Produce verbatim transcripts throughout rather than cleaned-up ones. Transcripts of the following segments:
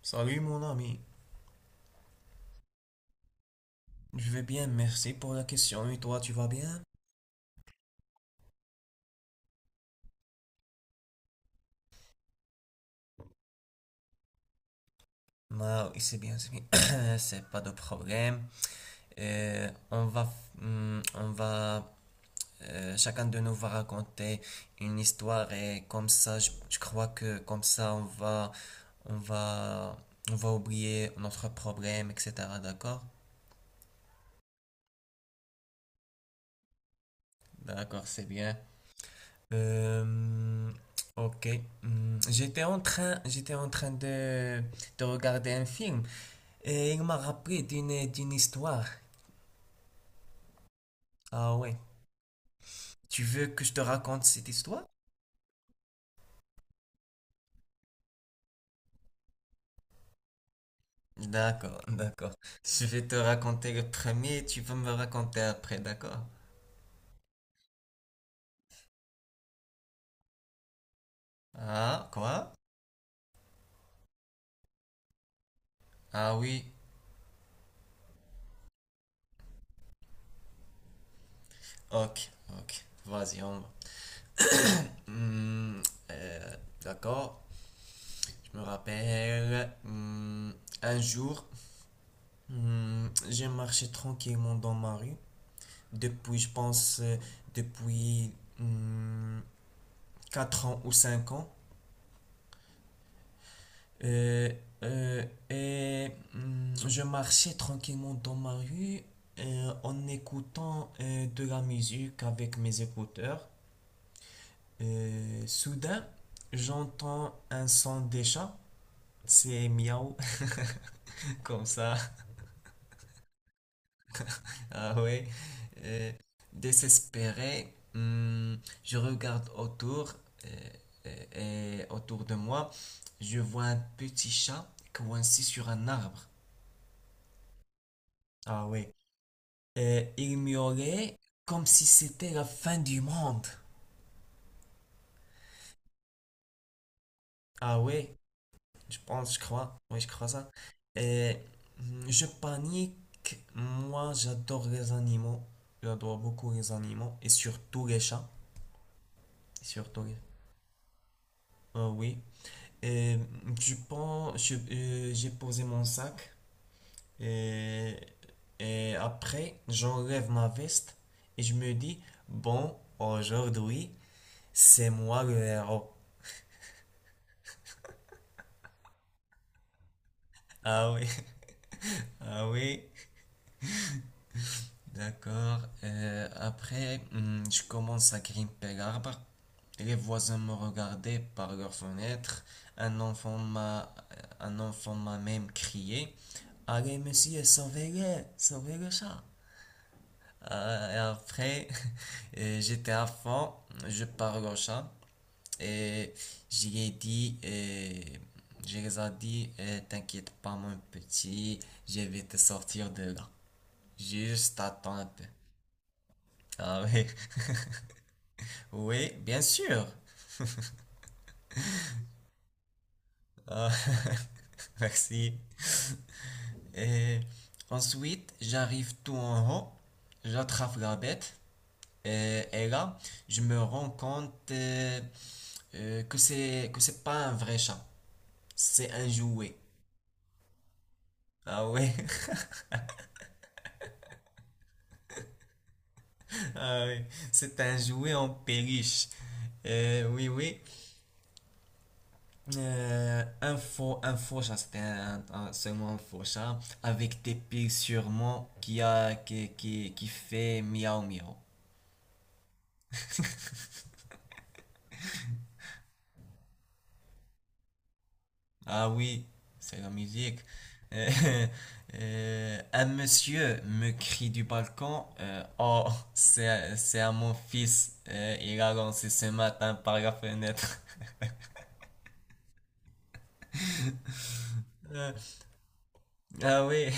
Salut mon ami, je vais bien, merci pour la question. Et toi, tu vas bien? Ah oui, c'est bien, c'est bien. C'est pas de problème. Euh, on va, hum, on va, euh, chacun de nous va raconter une histoire et comme ça, je, je crois que comme ça, on va, on va, on va oublier notre problème, et cetera. D'accord? D'accord, c'est bien. Euh, ok. Hum, J'étais en train, j'étais en train de, de regarder un film. Et il m'a rappelé d'une, d'une histoire. Ah ouais. Tu veux que je te raconte cette histoire? D'accord, d'accord. Je vais te raconter le premier et tu vas me raconter après, d'accord? Ah, quoi? Ah oui, ok, ok. Vas-y, on va. Hmm, euh, d'accord, je me rappelle. hmm, un jour, hmm, j'ai marché tranquillement dans ma rue. Depuis, je pense, euh, depuis hmm, quatre ans ou cinq ans. Euh, euh, et hum, je marchais tranquillement dans ma rue euh, en écoutant euh, de la musique avec mes écouteurs. Euh, soudain, j'entends un son des chats. C'est miaou, comme ça. Ah ouais. Euh, désespéré, hum, je regarde autour euh, euh, et autour de moi. Je vois un petit chat coincé sur un arbre. Ah ouais. Euh, il miaulait comme si c'était la fin du monde. Ah ouais, je pense, je crois. Oui, je crois ça. Et mm, je panique. Moi, j'adore les animaux. J'adore beaucoup les animaux. Et surtout les chats. Et surtout les... Ah oui. Et je pense, je- euh, j'ai posé mon sac. Et, et après, j'enlève ma veste. Et je me dis, bon, aujourd'hui, c'est moi le héros. Ah oui. Ah oui, d'accord. Euh, après, hmm, je commence à grimper l'arbre. Les voisins me regardaient par leur fenêtre. Un enfant m'a, euh, un enfant m'a même crié, allez, monsieur, sauvez-le, sauvez le chat. Euh, et après, euh, j'étais à fond, je parle au chat et j'ai dit, euh, je les ai dit, Euh, t'inquiète pas, mon petit, je vais te sortir de là. Juste attends un peu. Ah oui, oui, bien sûr. Ah, merci. Et ensuite, j'arrive tout en haut, j'attrape la bête, et, et là, je me rends compte euh, euh, que c'est que c'est pas un vrai chat, c'est un jouet. Ah oui, ah oui, c'est un jouet en peluche. Euh, oui, oui. Euh, un faux, un faux chat, c'était un- un- seulement un faux chat, avec des pics sûrement qui a, qui, qui, qui fait miaou miaou. Ah oui, c'est la musique. Euh, euh, un monsieur me crie du balcon, euh, oh, c'est, c'est à mon fils, Euh, il a lancé ce matin par la fenêtre. Euh, ah oui,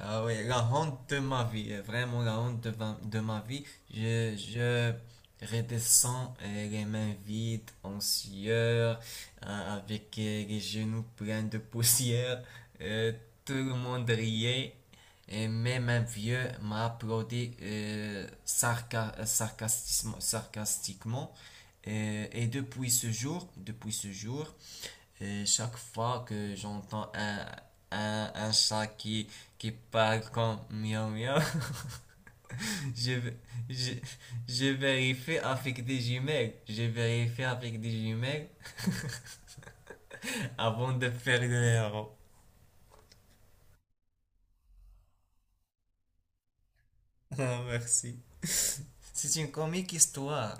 Ah oui, la honte de ma vie, euh, vraiment la honte de, va- de ma vie. Je, je redescends euh, les mains vides, en sueur, euh, avec euh, les genoux pleins de poussière. Euh, tout le monde riait. Et même un vieux m'a applaudi euh, sarca- euh, sarcastiquement, sarcastiquement. Euh, Et, depuis ce jour, depuis ce jour, euh, chaque fois que j'entends un, un, un chat qui, qui parle comme miaou miaou, je, je, je vérifie avec des jumelles. Je vérifie avec des jumelles avant de faire le héros. Ah, merci. C'est une comique histoire.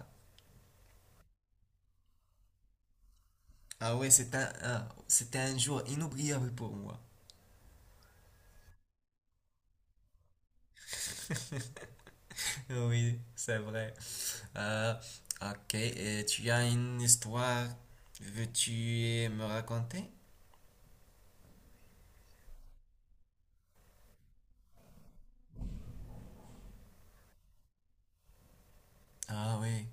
Ah ouais, c'est un, un- c'était un jour inoubliable pour moi. Oui, c'est vrai. Euh, ok, et tu as une histoire, veux-tu me raconter? Ah oui.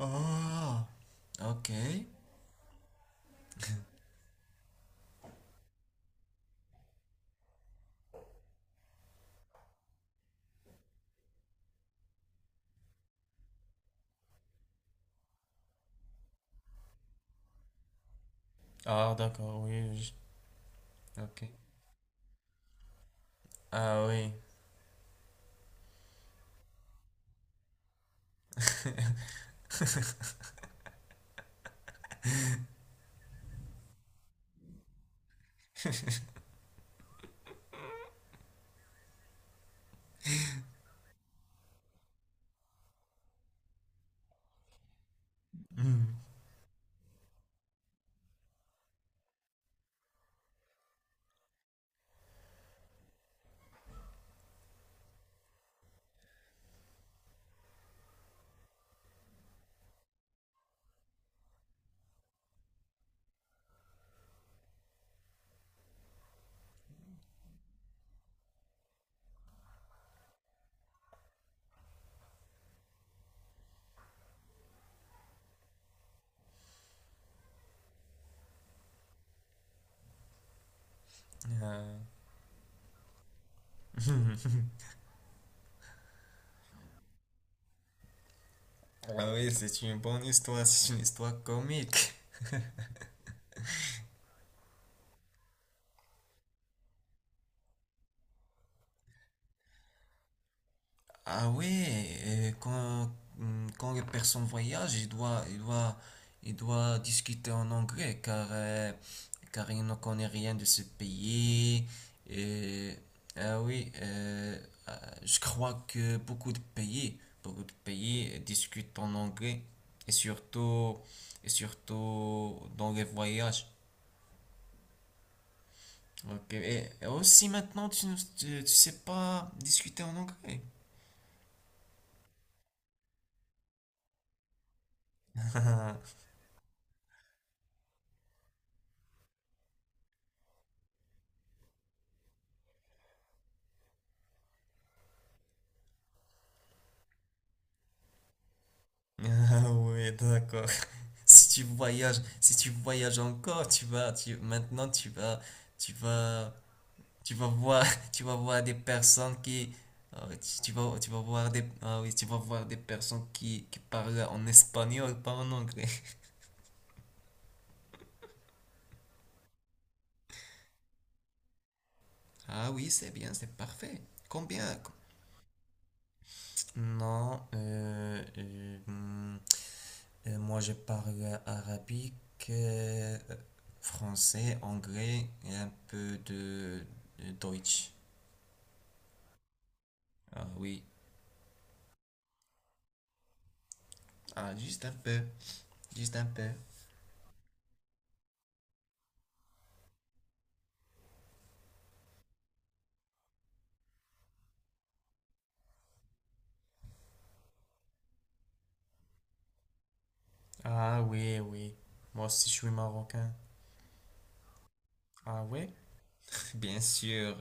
Ah, ok, Ah, d'accord, oui. je- ok. Ah, oui. Hmm. Euh, Ah oui, c'est une bonne histoire, c'est une histoire comique. Ah ouais, et quand, hmm, quand les personnes voyagent, ils doivent, ils doivent, ils doivent discuter en anglais car, euh, car ils ne connaissent rien de ce pays. Et, ah oui, euh, euh, je crois que beaucoup de pays, beaucoup de pays discutent en anglais et surtout, et surtout dans les voyages. Ok, Et, et aussi maintenant, tu ne tu- tu sais pas discuter en anglais. Ah ouais, d'accord. Si tu voyages, si tu voyages encore, tu vas, tu, maintenant tu vas, tu vas, tu vas voir, tu vas voir des personnes qui, ah ouais, tu, tu vas, tu vas voir des, ah oui, tu vas voir des personnes qui, qui parlent en espagnol, pas en anglais. Ah oui, c'est bien, c'est parfait. Combien? Non, euh, euh, hmm, Euh, moi, je parle arabique, euh, français, anglais et un peu de, de Deutsch. Ah oui, ah, juste un peu, juste un peu. Ah oui, oui. Moi aussi, je suis marocain. Ah oui? Bien sûr.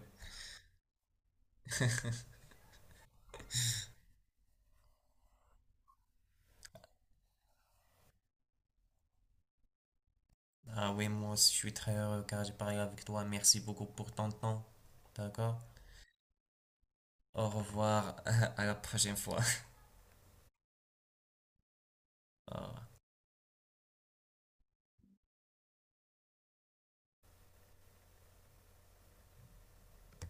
Ah oui, moi aussi, je suis très heureux car j'ai parlé avec toi. Merci beaucoup pour ton temps. D'accord? Au revoir, à la prochaine fois. Ah,